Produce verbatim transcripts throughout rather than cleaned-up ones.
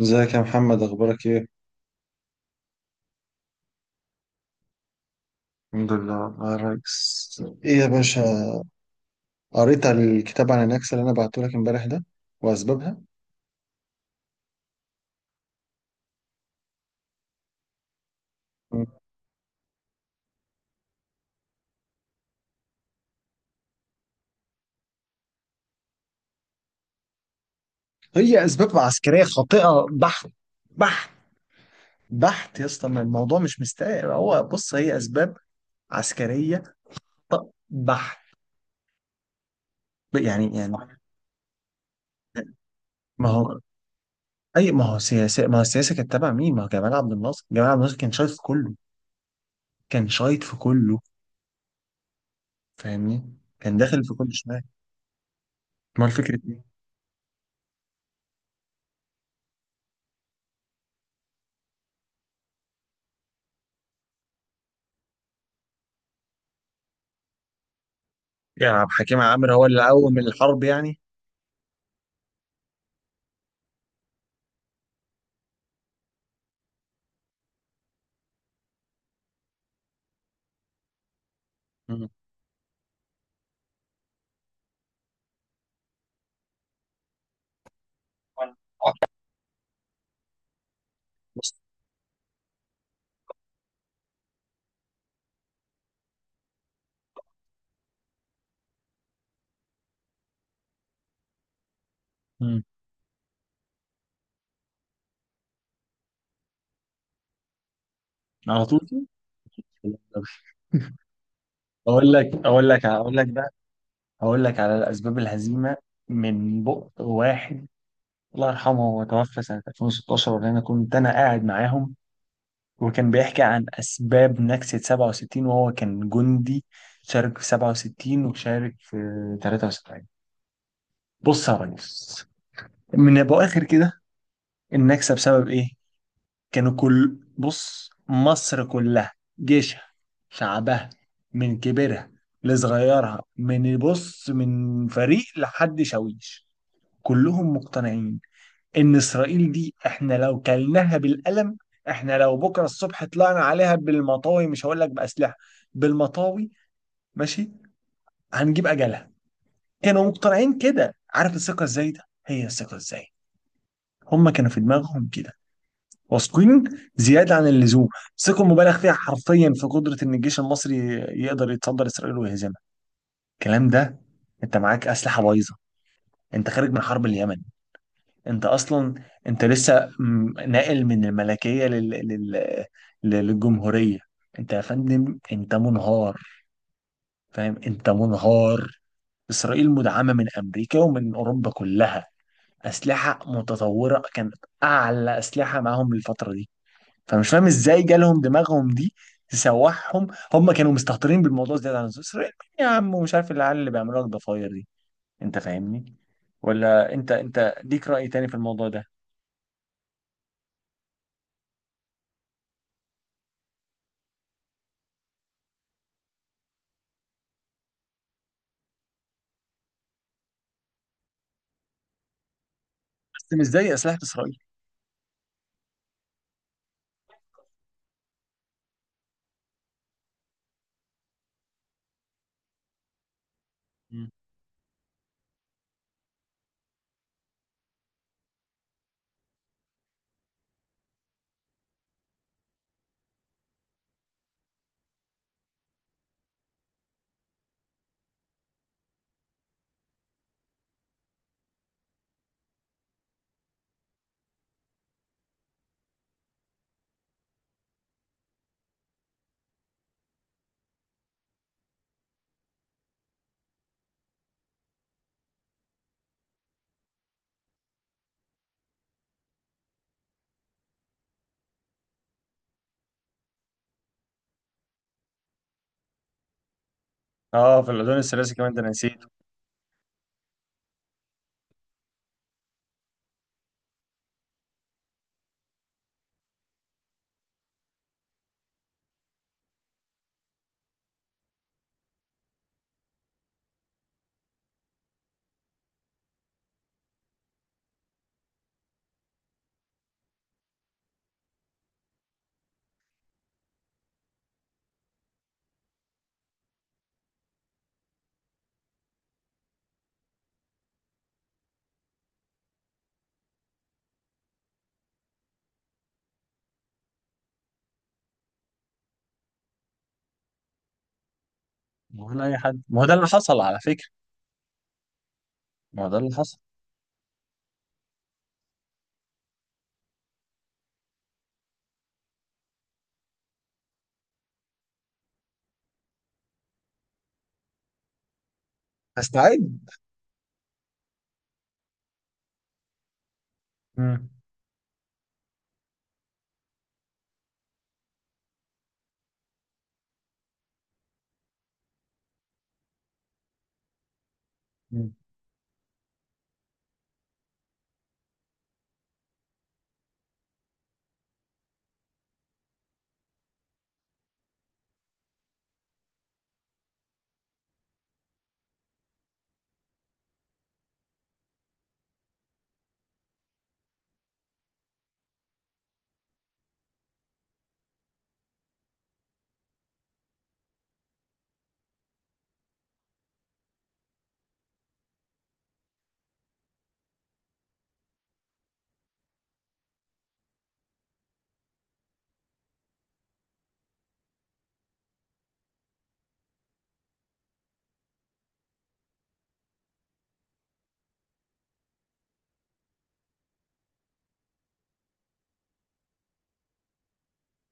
ازيك يا محمد، اخبارك ايه؟ الحمد لله والله يا ريس. ايه يا باشا؟ قريت على الكتاب عن النكسة اللي انا بعته لك امبارح ده، واسبابها؟ مم. هي اسباب عسكريه خاطئه بحت. بحت. بحت يا اسطى، ما الموضوع مش مستاهل. هو بص، هي اسباب عسكريه ط- بحت. يعني يعني ما هو، اي ما هو سياسه، ما هو السياسه كانت تابعه مين؟ ما هو جمال عبد الناصر. جمال عبد الناصر كان شايط في كله. كان شايط في كله. فاهمني، كان داخل في كل شمال. ما الفكره إيه؟ يا عبد الحكيم عامر هو اللي قوم الحرب يعني؟ مم. بص. مم. على طول كده؟ اقول لك اقول لك اقول لك بقى. اقول لك على الاسباب الهزيمه، من بق واحد الله يرحمه، هو توفى سنه ألفين وستاشر، وانا كنت انا قاعد معاهم. وكان بيحكي عن اسباب نكسه سبعة وستين، وهو كان جندي. شارك في سبعة وستين، وشارك في تلاتة وسبعين. بص يا ريس، من ابو اخر كده، النكسه بسبب ايه؟ كانوا كل، بص، مصر كلها، جيشها، شعبها، من كبيرها لصغيرها، من بص، من فريق لحد شاويش، كلهم مقتنعين ان اسرائيل دي احنا لو كلناها بالقلم، احنا لو بكره الصبح طلعنا عليها بالمطاوي، مش هقول لك باسلحه، بالمطاوي، ماشي، هنجيب اجلها. كانوا مقتنعين كده. عارف الثقه ازاي ده؟ هي الثقه ازاي؟ هم كانوا في دماغهم كده واثقين، زياده عن اللزوم، ثقه مبالغ فيها حرفيا في قدره ان الجيش المصري يقدر يتصدر اسرائيل ويهزمها. الكلام ده، انت معاك اسلحه بايظه، انت خارج من حرب اليمن، انت اصلا، انت لسه م- ناقل من الملكيه لل... لل... للجمهوريه. انت يا فندم، انت منهار. فاهم، انت منهار. اسرائيل مدعمه من امريكا ومن اوروبا كلها. اسلحه متطوره كانت، اعلى اسلحه معاهم الفتره دي. فمش فاهم ازاي جالهم دماغهم دي تسوحهم. هم كانوا مستهترين بالموضوع زياده عن اللزوم، إسرائيل يا عم، ومش عارف العيال اللي بيعملوا لك ضفاير دي. انت فاهمني، ولا انت انت ليك راي تاني في الموضوع ده؟ بس مش زي اسلحه اسرائيل. مم. اه، في الاذون الثلاثي كمان ده أنا نسيته. ما هو لا اي حد، ما هو ده اللي حصل على فكره. ما هو ده اللي حصل. هستعد. مم. مم.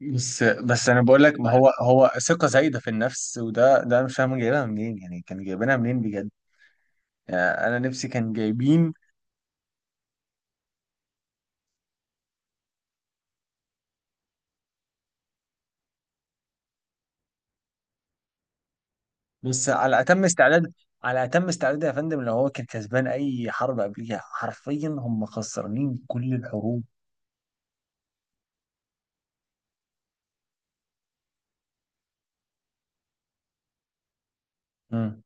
بس بس انا بقول لك، ما هو هو ثقه زايده في النفس، وده ده أنا مش فاهم جايبها منين؟ يعني كان جايبينها منين بجد؟ يعني انا نفسي، كان جايبين. بص، على اتم استعداد. على اتم استعداد يا فندم، لو هو كان كسبان اي حرب قبليها حرفيا. هم خسرانين كل الحروب. مم.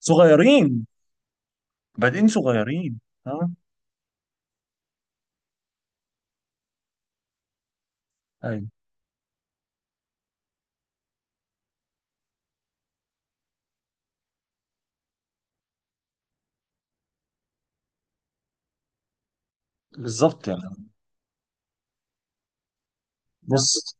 صغيرين. بادئين صغيرين. ها. ايوه. بالظبط يعني. بص.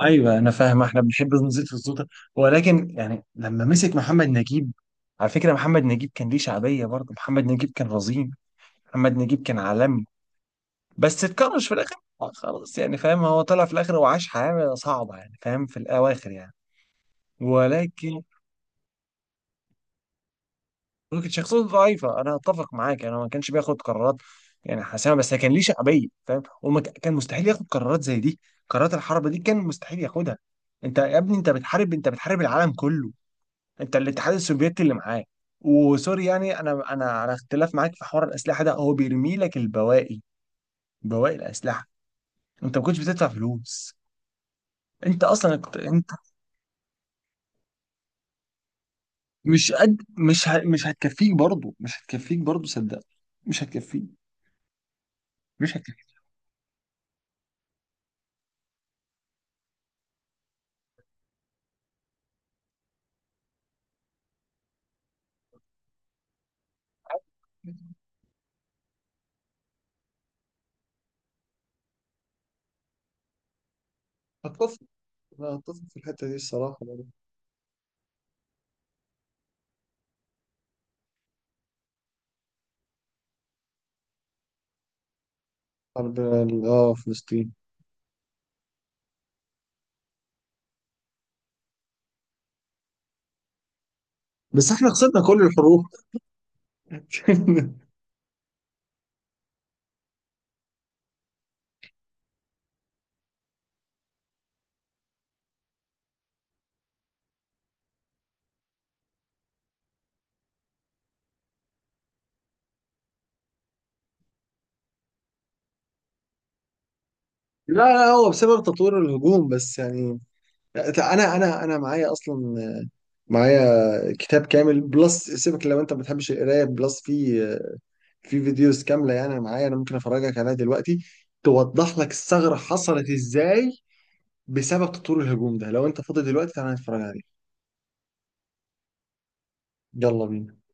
ايوه، انا فاهم، احنا بنحب نزيد في السلطه. ولكن يعني لما مسك محمد نجيب، على فكره محمد نجيب كان ليه شعبيه برضه. محمد نجيب كان رزين. محمد نجيب كان عالمي. بس اتكرش في الاخر، آه، خلاص يعني، فاهم؟ هو طلع في الاخر وعاش حياه صعبه يعني، فاهم، في الاواخر يعني. ولكن ولكن شخصيته ضعيفه، انا اتفق معاك، انا ما كانش بياخد قرارات يعني حاسمه، بس كان ليه شعبيه فاهم، وما ك- كان مستحيل ياخد قرارات زي دي. قرارات الحرب دي كان مستحيل ياخدها. انت يا ابني، انت بتحارب انت بتحارب العالم كله. انت الاتحاد السوفيتي اللي معاك، وسوري يعني، انا انا على اختلاف معاك في حوار الاسلحه ده. هو بيرمي لك البواقي، بواقي الاسلحه. انت ما كنتش بتدفع فلوس. انت اصلا كنت- انت مش قد، مش ه... مش هتكفيك برضه، مش هتكفيك برضه صدق. مش هتكفيك. مش هتكفيك. هتفصل. أنا هتفصل في الحتة دي الصراحة برضه. حرب ال- اه فلسطين. بس احنا خسرنا كل الحروب. لا لا، هو بسبب تطوير الهجوم بس يعني. انا انا انا معايا اصلا، معايا كتاب كامل. بلس سيبك لو انت ما بتحبش القرايه، بلس في في فيديوز كامله يعني. انا معايا، انا ممكن افرجك عليها دلوقتي، توضح لك الثغره حصلت ازاي بسبب تطوير الهجوم ده. لو انت فاضي دلوقتي تعالى نتفرج عليه. يلا بينا.